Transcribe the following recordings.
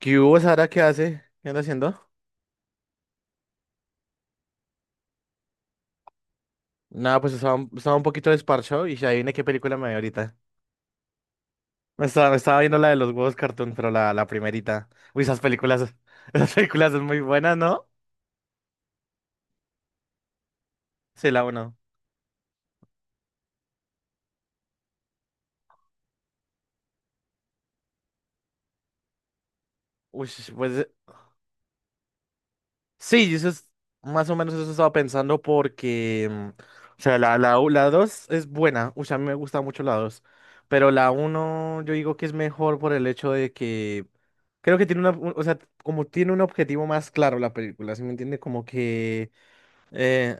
¿Qué hubo, Sara? ¿Qué hace? ¿Qué anda haciendo? Nada, pues estaba, estaba un poquito desparchado y ya adivine qué película me vi ahorita. Me estaba viendo la de los huevos cartoon, pero la primerita. Uy, esas películas, esas películas son muy buenas, ¿no? Sí, la uno. Uy, pues sí, eso es más o menos eso estaba pensando porque, o sea, la 2 es buena, o sea, a mí me gusta mucho la dos, pero la uno yo digo que es mejor por el hecho de que creo que tiene una, o sea, como tiene un objetivo más claro la película, ¿sí me entiende? Como que eh,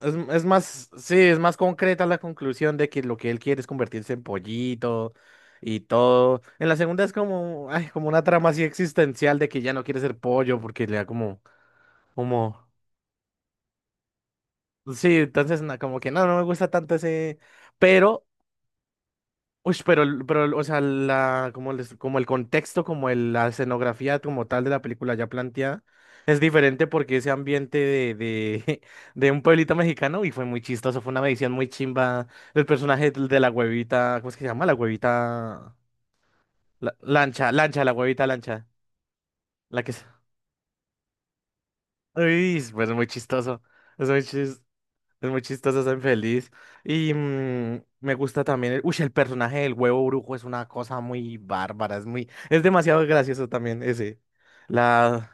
es más, sí, es más concreta la conclusión de que lo que él quiere es convertirse en pollito y todo. En la segunda es como, ay, como una trama así existencial de que ya no quiere ser pollo porque le da como, como... Sí, entonces como que no, no me gusta tanto ese, pero, uy, pero, o sea, la, como, como el contexto, como la escenografía como tal de la película ya planteada, es diferente porque ese ambiente de de un pueblito mexicano, y fue muy chistoso, fue una medición muy chimba del personaje de la huevita, ¿cómo es que se llama? La huevita, lancha, lancha, la huevita lancha, la que es, uy, pues muy chistoso, es muy chistoso. Es muy chistoso, soy feliz. Y mm, me gusta también. El, uy, el personaje del huevo brujo es una cosa muy bárbara. Es muy, es demasiado gracioso también ese. La.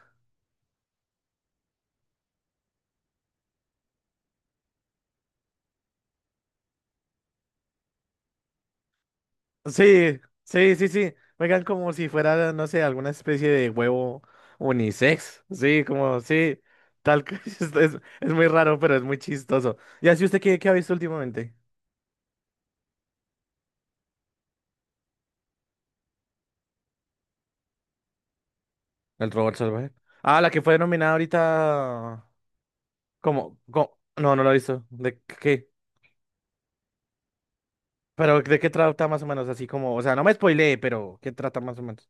Sí, sí, sí, sí. Juegan como si fuera, no sé, alguna especie de huevo unisex. Sí, como, sí. Tal que es muy raro, pero es muy chistoso. ¿Y así usted qué, qué ha visto últimamente? El robot salvaje. Ah, la que fue nominada ahorita. ¿Cómo? ¿Cómo? No, no lo he visto. ¿De qué? Pero ¿de qué trata más o menos? Así como, o sea, no me spoileé, pero ¿qué trata más o menos?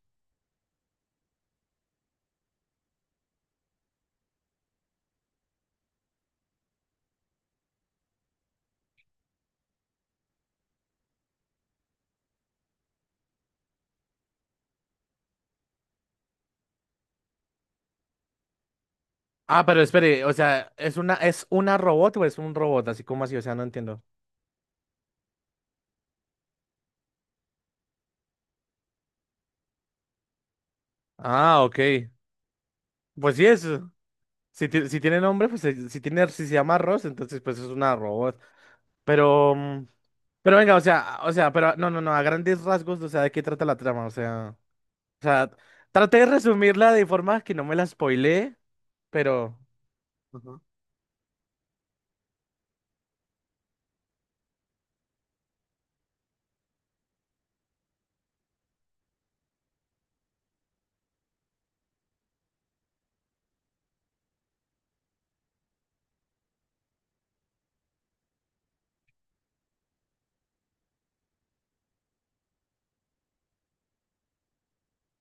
Ah, pero espere, o sea, ¿es una, robot o es un robot? Así como así, o sea, no entiendo. Ah, ok. Pues sí es. Si, si tiene nombre, pues si tiene, si se llama Rose entonces pues es una robot. Pero, mm, pero venga, o sea, pero no, no, no, a grandes rasgos, o sea, ¿de qué trata la trama? O sea, traté de resumirla de forma que no me la spoileé, pero Ujú.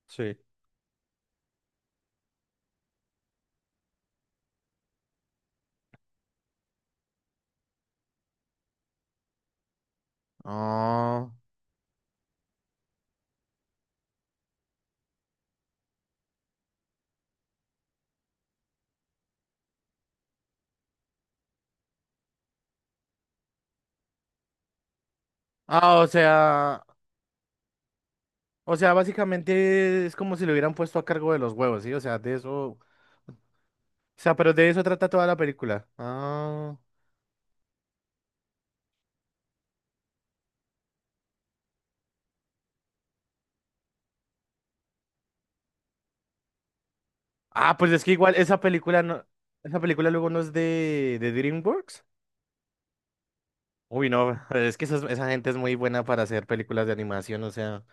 Sí. Ah, ah, o sea. O sea, básicamente es como si lo hubieran puesto a cargo de los huevos, ¿sí? O sea, de eso. O sea, pero de eso trata toda la película. Ah. Ah, pues es que igual esa película no. Esa película luego no es de DreamWorks. Uy, no, es que esa gente es muy buena para hacer películas de animación, o sea.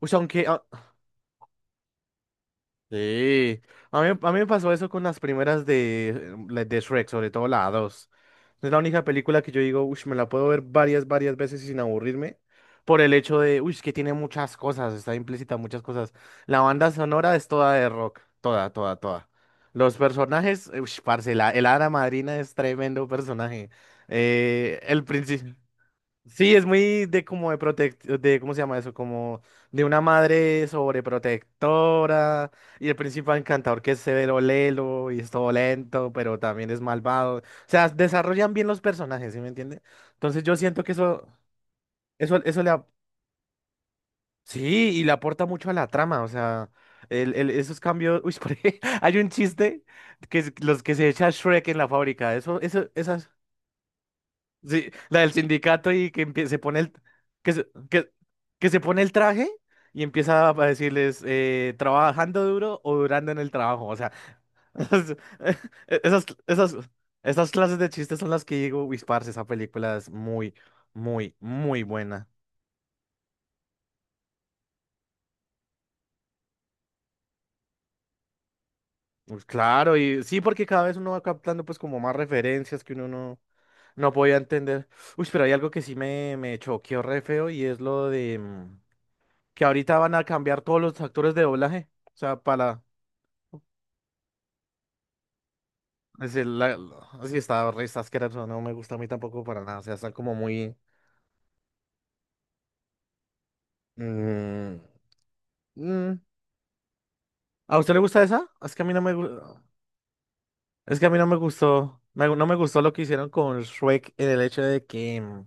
O sea, aunque, a- sí, a mí me pasó eso con las primeras de, la de Shrek, sobre todo la 2. Es la única película que yo digo, uy, me la puedo ver varias, varias veces sin aburrirme, por el hecho de, uy, es que tiene muchas cosas, está implícita muchas cosas. La banda sonora es toda de rock, toda, toda, toda. Los personajes, uy, parce, la, el hada madrina es tremendo personaje. El príncipe. Sí, es muy de como de protect, de ¿cómo se llama eso? Como de una madre sobreprotectora y el príncipe encantador que es severo lelo y es todo lento, pero también es malvado. O sea, desarrollan bien los personajes, ¿sí me entiende? Entonces yo siento que eso le, ap- sí, y le aporta mucho a la trama, o sea, esos cambios, uy, por ej- hay un chiste que es los que se echa Shrek en la fábrica, esas sí, la del sindicato y que se pone el que se, que, que se pone el traje y empieza a decirles trabajando duro o durando en el trabajo. O sea, esas, esas, esas, esas clases de chistes son las que digo, uy, parce, esa película es muy, muy, muy buena. Pues claro, y sí, porque cada vez uno va captando pues como más referencias que uno no, no podía entender. Uy, pero hay algo que sí me choqueó re feo y es lo de... que ahorita van a cambiar todos los actores de doblaje. O sea, para decir, la, así está, re está asqueroso, no me gusta a mí tampoco para nada. O sea, está como muy. mm, mm. ¿A usted le gusta esa? Es que a mí no me gu- es que a mí no me gustó. No me gustó lo que hicieron con Shrek en el hecho de que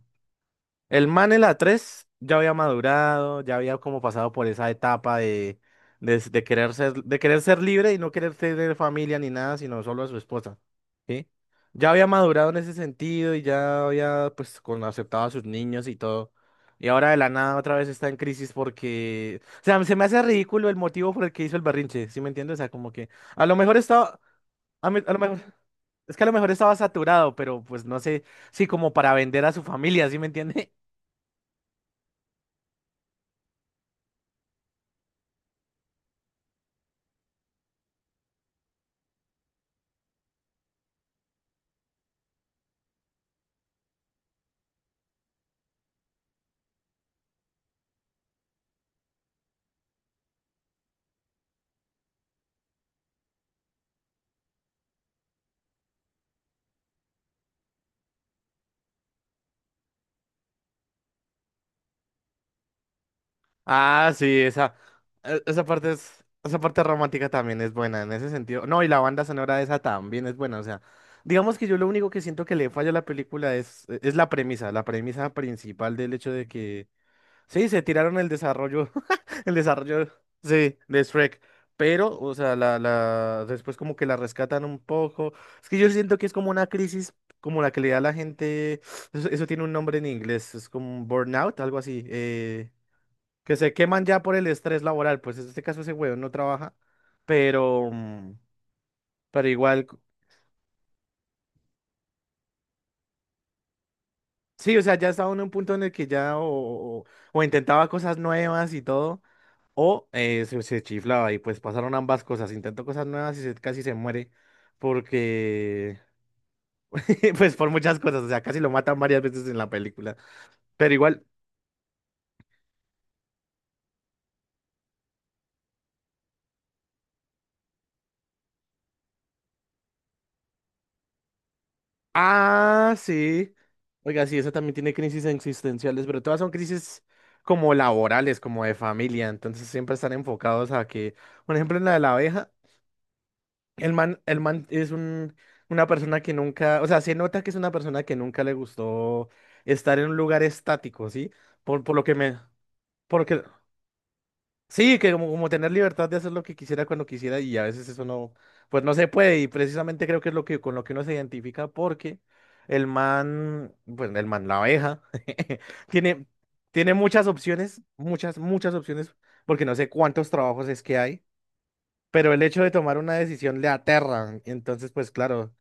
el man en la 3 ya había madurado, ya había como pasado por esa etapa de de querer ser libre y no querer tener familia ni nada, sino solo a su esposa. ¿Sí? Ya había madurado en ese sentido y ya había pues con, aceptado a sus niños y todo. Y ahora de la nada otra vez está en crisis porque, o sea, se me hace ridículo el motivo por el que hizo el berrinche, ¿sí me entiendes? O sea, como que a lo mejor estaba, a lo mejor, es que a lo mejor estaba saturado, pero pues no sé, sí, como para vender a su familia, ¿sí me entiendes? Ah, sí, esa, esa parte es, esa parte romántica también es buena en ese sentido. No, y la banda sonora de esa también es buena. O sea, digamos que yo lo único que siento que le falla a la película es, e, es la premisa principal del hecho de que sí, se tiraron el desarrollo, el desarrollo, sí, de Shrek. Pero, o sea, después como que la rescatan un poco. Es que yo siento que es como una crisis como la que le da a la gente, eso tiene un nombre en inglés, es como un burnout, algo así. Que se queman ya por el estrés laboral, pues en este caso ese huevón no trabaja, pero, mm, pero igual, c- sí, o sea, ya estaba uno en un punto en el que ya o intentaba cosas nuevas y todo, o se chiflaba y pues pasaron ambas cosas, intentó cosas nuevas y casi se muere porque, pues por muchas cosas, o sea, casi lo matan varias veces en la película, pero igual... Ah, sí. Oiga, sí, esa también tiene crisis existenciales, pero todas son crisis como laborales, como de familia, entonces siempre están enfocados a que, por ejemplo, en la de la abeja, el man es un, una persona que nunca, o sea, se nota que es una persona que nunca le gustó estar en un lugar estático, ¿sí? Por lo que me, porque, sí, que como, como tener libertad de hacer lo que quisiera cuando quisiera y a veces eso no, pues no se puede y precisamente creo que es lo que con lo que uno se identifica porque el man, pues el man, la abeja, tiene, tiene muchas opciones, muchas, muchas opciones, porque no sé cuántos trabajos es que hay, pero el hecho de tomar una decisión le aterra, entonces pues claro,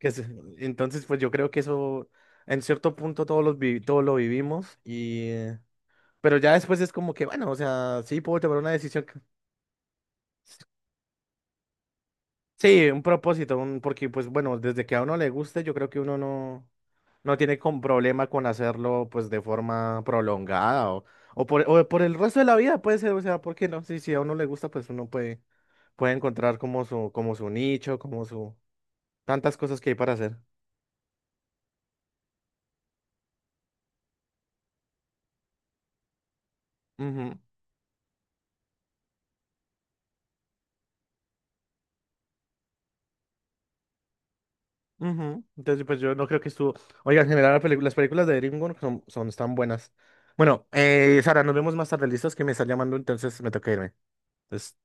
que se- entonces pues yo creo que eso en cierto punto todos todos lo vivimos y, pero ya después es como que bueno, o sea, sí puedo tomar una decisión. Sí, un propósito, un, porque pues bueno, desde que a uno le guste, yo creo que uno no, no tiene con problema con hacerlo pues de forma prolongada o por el resto de la vida puede ser, o sea, ¿por qué no? Sí, si a uno le gusta, pues uno puede, puede encontrar como su nicho, como su, tantas cosas que hay para hacer. Ujú, ujú. Entonces, pues yo no creo que estuvo, oiga, en general las películas de DreamWorks son, son tan buenas. Bueno, Sara, nos vemos más tarde, listos, que me está llamando, entonces me toca irme. Entonces,